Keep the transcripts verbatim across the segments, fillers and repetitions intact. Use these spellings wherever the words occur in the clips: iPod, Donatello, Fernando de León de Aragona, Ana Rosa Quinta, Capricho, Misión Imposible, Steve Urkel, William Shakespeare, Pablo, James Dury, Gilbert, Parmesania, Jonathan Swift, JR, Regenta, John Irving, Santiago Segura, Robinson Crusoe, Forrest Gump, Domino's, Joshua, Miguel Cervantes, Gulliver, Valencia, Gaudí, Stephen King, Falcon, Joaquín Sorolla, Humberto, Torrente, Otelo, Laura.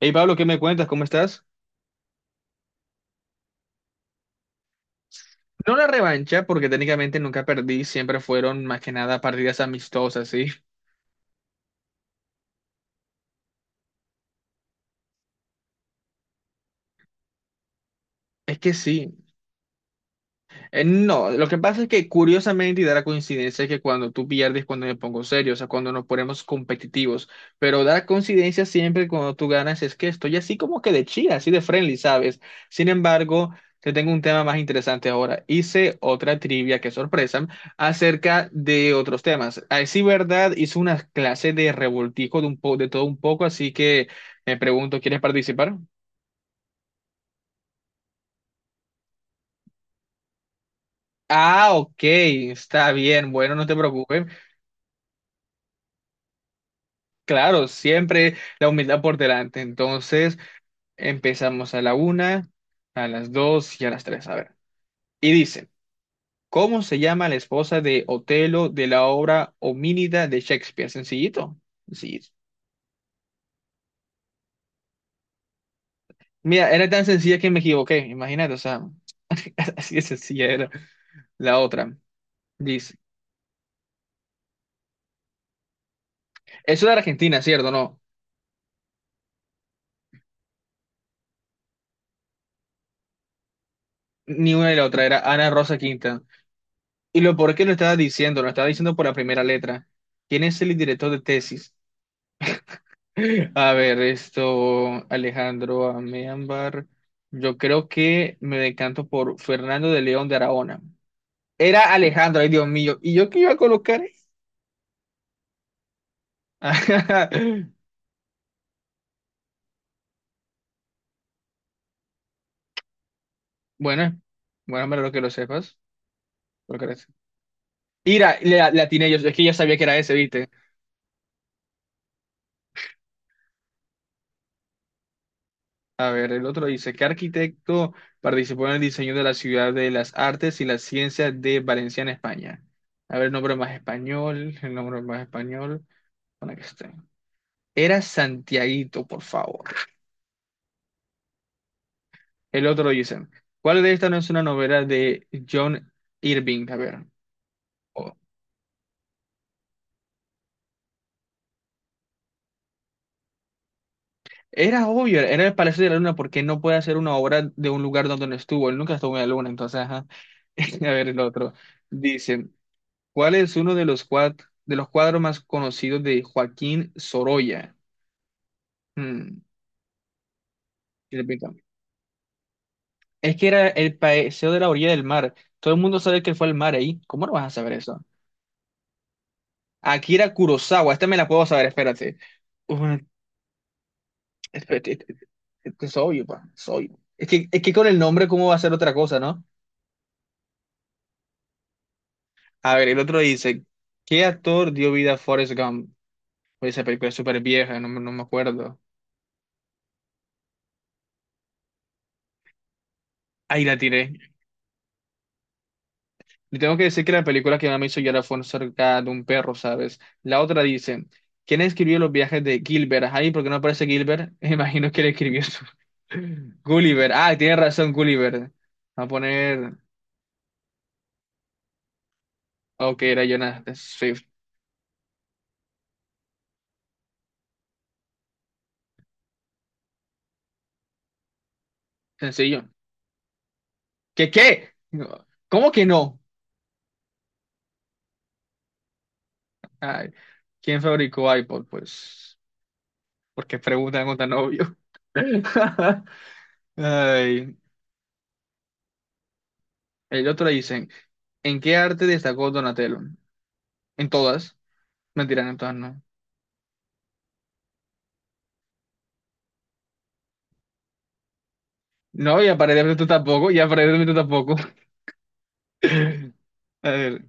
Hey Pablo, ¿qué me cuentas? ¿Cómo estás? No la revancha, porque técnicamente nunca perdí, siempre fueron más que nada partidas amistosas, ¿sí? Es que sí. Eh, No, lo que pasa es que curiosamente y da la coincidencia que cuando tú pierdes, cuando me pongo serio, o sea, cuando nos ponemos competitivos, pero da la coincidencia siempre cuando tú ganas es que estoy así como que de chida, así de friendly, ¿sabes? Sin embargo, te tengo un tema más interesante ahora. Hice otra trivia, que sorpresa, acerca de otros temas. A decir verdad, hice una clase de revoltijo de, un po de todo un poco, así que me pregunto, ¿quieres participar? Ah, ok, está bien, bueno, no te preocupes. Claro, siempre la humildad por delante. Entonces, empezamos a la una, a las dos y a las tres. A ver. Y dice, ¿cómo se llama la esposa de Otelo de la obra Homínida de Shakespeare? Sencillito. Sencillito. Mira, era tan sencilla que me equivoqué. Imagínate, o sea, así de sencilla era la otra. Dice, eso de Argentina, ¿cierto? No, ni una ni la otra, era Ana Rosa Quinta. Y lo por qué lo estaba diciendo, lo estaba diciendo por la primera letra. ¿Quién es el director de tesis? A ver, esto, Alejandro Améambar. Yo creo que me decanto por Fernando de León de Aragona. Era Alejandro, ay Dios mío. ¿Y yo qué iba a colocar? Bueno, bueno, me que lo sepas. Lo que eres. Mira, le, le atiné yo, es que ya sabía que era ese, ¿viste? A ver, el otro dice, ¿qué arquitecto participó en el diseño de la Ciudad de las Artes y las Ciencias de Valencia en España? A ver, nombre más español, el nombre más español, para que esté. Era Santiaguito, por favor. El otro dicen, ¿cuál de estas no es una novela de John Irving? A ver. Oh. Era obvio, era el Palacio de la Luna, porque no puede hacer una obra de un lugar donde no estuvo. Él nunca estuvo en la Luna, entonces, ajá. A ver, el otro. Dicen, ¿cuál es uno de los, cuad- de los cuadros más conocidos de Joaquín Sorolla? Hmm, y repito, es que era el Paseo de la Orilla del Mar. Todo el mundo sabe que fue el mar ahí. ¿Cómo no vas a saber eso? Akira Kurosawa, esta me la puedo saber, espérate. Uh, espérate, este es es obvio, pa, es obvio. Es que, es que con el nombre, ¿cómo va a ser otra cosa, no? A ver, el otro dice, ¿qué actor dio vida a Forrest Gump? Oye, esa película es súper vieja, no, me no me acuerdo. Ahí la tiré. Le tengo que decir que la película que más me hizo llorar fue cerca de un perro, ¿sabes? La otra dice, ¿quién escribió los viajes de Gilbert? Ahí, ¿por qué no aparece Gilbert? Imagino que le escribió su- Gulliver. Ah, tiene razón, Gulliver. Va a poner. Ok, era Jonathan Swift. Sencillo. ¿Qué qué? No, ¿cómo que no? Ay, ¿quién fabricó iPod? Pues, ¿por qué preguntan algo tan obvio? Ay, el otro le dicen, ¿en qué arte destacó Donatello? En todas. Mentira, en todas no. No, y aparentemente tú tampoco, y aparentemente tú tampoco. A ver,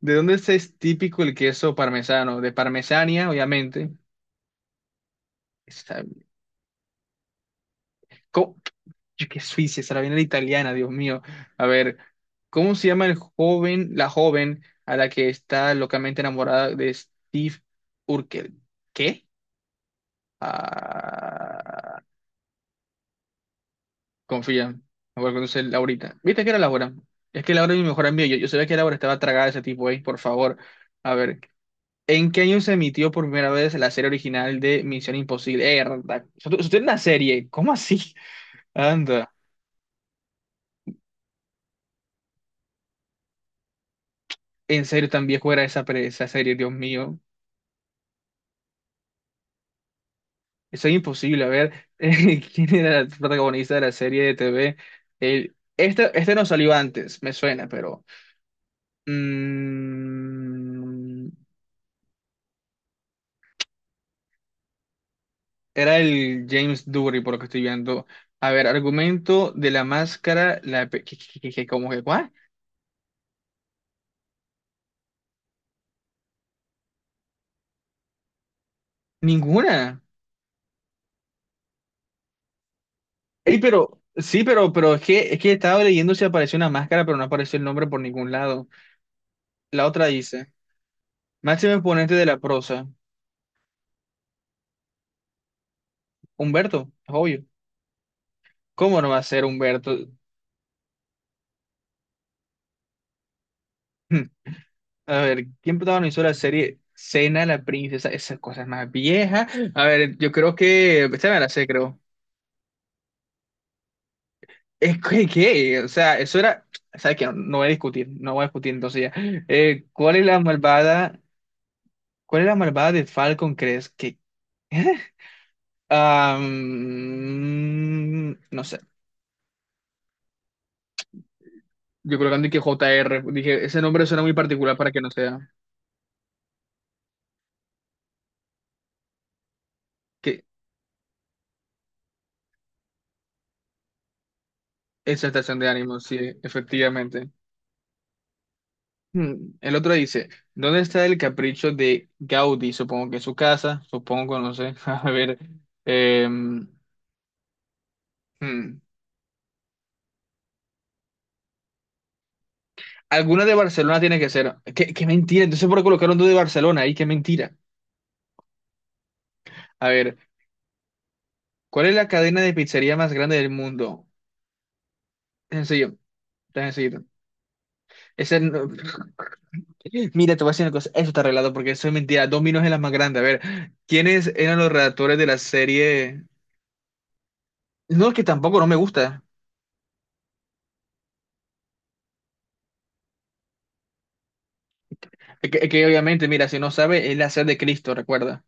¿de dónde es es típico el queso parmesano? De Parmesania, obviamente. Está bien. Yo que Suiza, esa la viene la italiana, Dios mío. A ver, ¿cómo se llama el joven, la joven a la que está locamente enamorada de Steve Urkel? ¿Qué? Ah, confía, me voy a conocer Laurita. ¿Viste que era Laura? Es que Laura es mi mejor amiga. Yo, yo sabía que Laura estaba tragada de ese tipo ahí, por favor. A ver, ¿en qué año se emitió por primera vez la serie original de Misión Imposible? Erda, ¿Eso eso es una serie? ¿Cómo así? Anda, en serio, tan viejo era esa, pre- esa serie, Dios mío. Eso es imposible. A ver, eh, ¿quién era el protagonista de la serie de T V? El- este, este no salió antes, me suena, pero... mm, era el James Dury, por lo que estoy viendo. A ver, argumento de la máscara, la... pe- ¿Qué, qué, qué, qué, cómo que cuál? Ninguna. Ey, pero... Sí, pero, pero es que, es que estaba leyendo si apareció una máscara, pero no apareció el nombre por ningún lado. La otra dice, máximo exponente de la prosa, Humberto, es obvio. ¿Cómo no va a ser Humberto? A ver, ¿quién protagonizó la serie Cena la princesa? Esas cosas más viejas. A ver, yo creo que... Esta me la sé, creo. Es que, ¿qué? O sea, eso era... ¿Sabes qué? No, no voy a discutir, no voy a discutir entonces ya. Eh, ¿cuál es la malvada? ¿Cuál es la malvada de Falcon, crees? Que am, no sé. Yo creo que antes que J R. Dije, ese nombre suena muy particular para que no sea. Que esa estación de ánimo, sí, efectivamente. Hmm, El otro dice, ¿dónde está el capricho de Gaudí? Supongo que en su casa, supongo, no sé. A ver, em, hmm, alguna de Barcelona tiene que ser. ¿Qué, qué mentira? Entonces, ¿por qué colocaron dos de Barcelona ahí? ¿Qué mentira? A ver, ¿cuál es la cadena de pizzería más grande del mundo? Es sencillo, está sencillo. Ese no- Mira, te voy a decir una cosa, eso está arreglado porque eso es mentira. Domino's es la más grande. A ver, ¿quiénes eran los redactores de la serie? No, es que tampoco no me gusta. Que, que obviamente, mira, si no sabe, es la sed de Cristo, recuerda.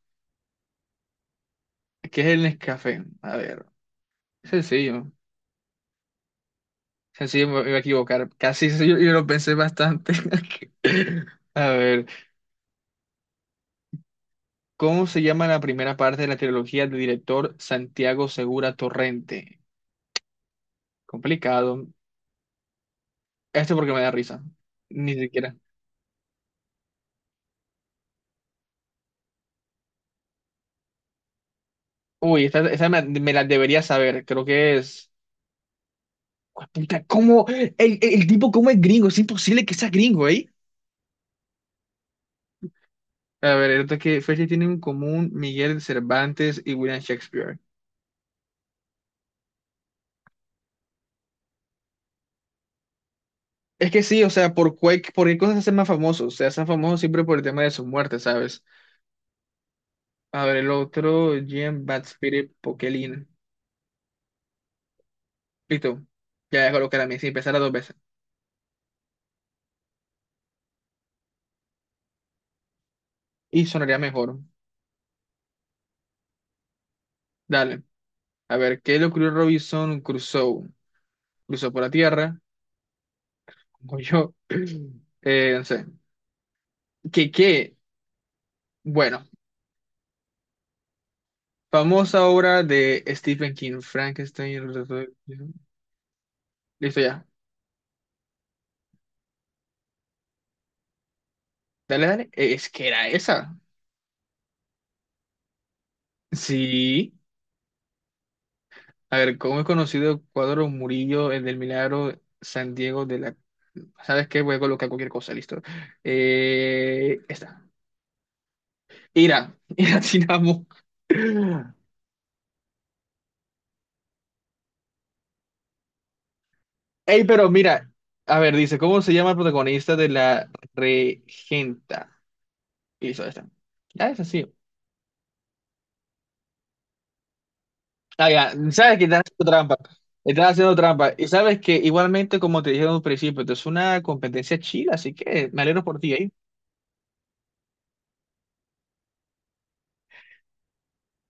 ¿Qué es el Nescafé? A ver, sencillo. Sencillo, me iba a equivocar. Casi sí, yo, yo lo pensé bastante. A ver, ¿cómo se llama la primera parte de la trilogía del director Santiago Segura Torrente? Complicado. Esto porque me da risa. Ni siquiera. Uy, esta, esta me, me la debería saber. Creo que es. Puta, ¿cómo? El, el- el tipo, ¿cómo es gringo? Es imposible que sea gringo, ¿eh? A ver, el otro que fecha tienen en común Miguel Cervantes y William Shakespeare. Es que sí, o sea, por, cuec- por qué cosas se hacen más famosos. Se hacen famosos siempre por el tema de su muerte, ¿sabes? A ver, el otro, Jean Baptiste Poquelin. Listo. Ya voy a colocar a mí, si empezara dos veces. Y sonaría mejor. Dale. A ver, ¿qué le ocurrió a Robinson Crusoe? Cruzó por la tierra, como yo. Eh, no sé. ¿Qué, qué? Bueno, famosa obra de Stephen King, Frankenstein. Listo, ya. Dale, dale. E, Es que era esa. Sí. A ver, ¿cómo he conocido Cuadro Murillo, el del Milagro, San Diego de la... ¿Sabes qué? Voy a colocar cualquier cosa, listo. Eh, esta. Ira. Ira Tinamo. Ey, pero mira. A ver, dice, ¿cómo se llama el protagonista de la Regenta? Y listo, esta. Ya es así. Ah, ya. Sabes que estás haciendo trampa. Estás haciendo trampa. Y sabes que igualmente, como te dije en un principio, esto es una competencia chida, así que me alegro por ti, ¿eh?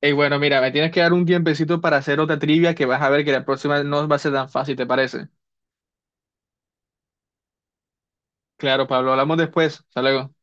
Y bueno, mira, me tienes que dar un tiempecito para hacer otra trivia que vas a ver que la próxima no va a ser tan fácil, ¿te parece? Claro, Pablo, hablamos después. Hasta luego.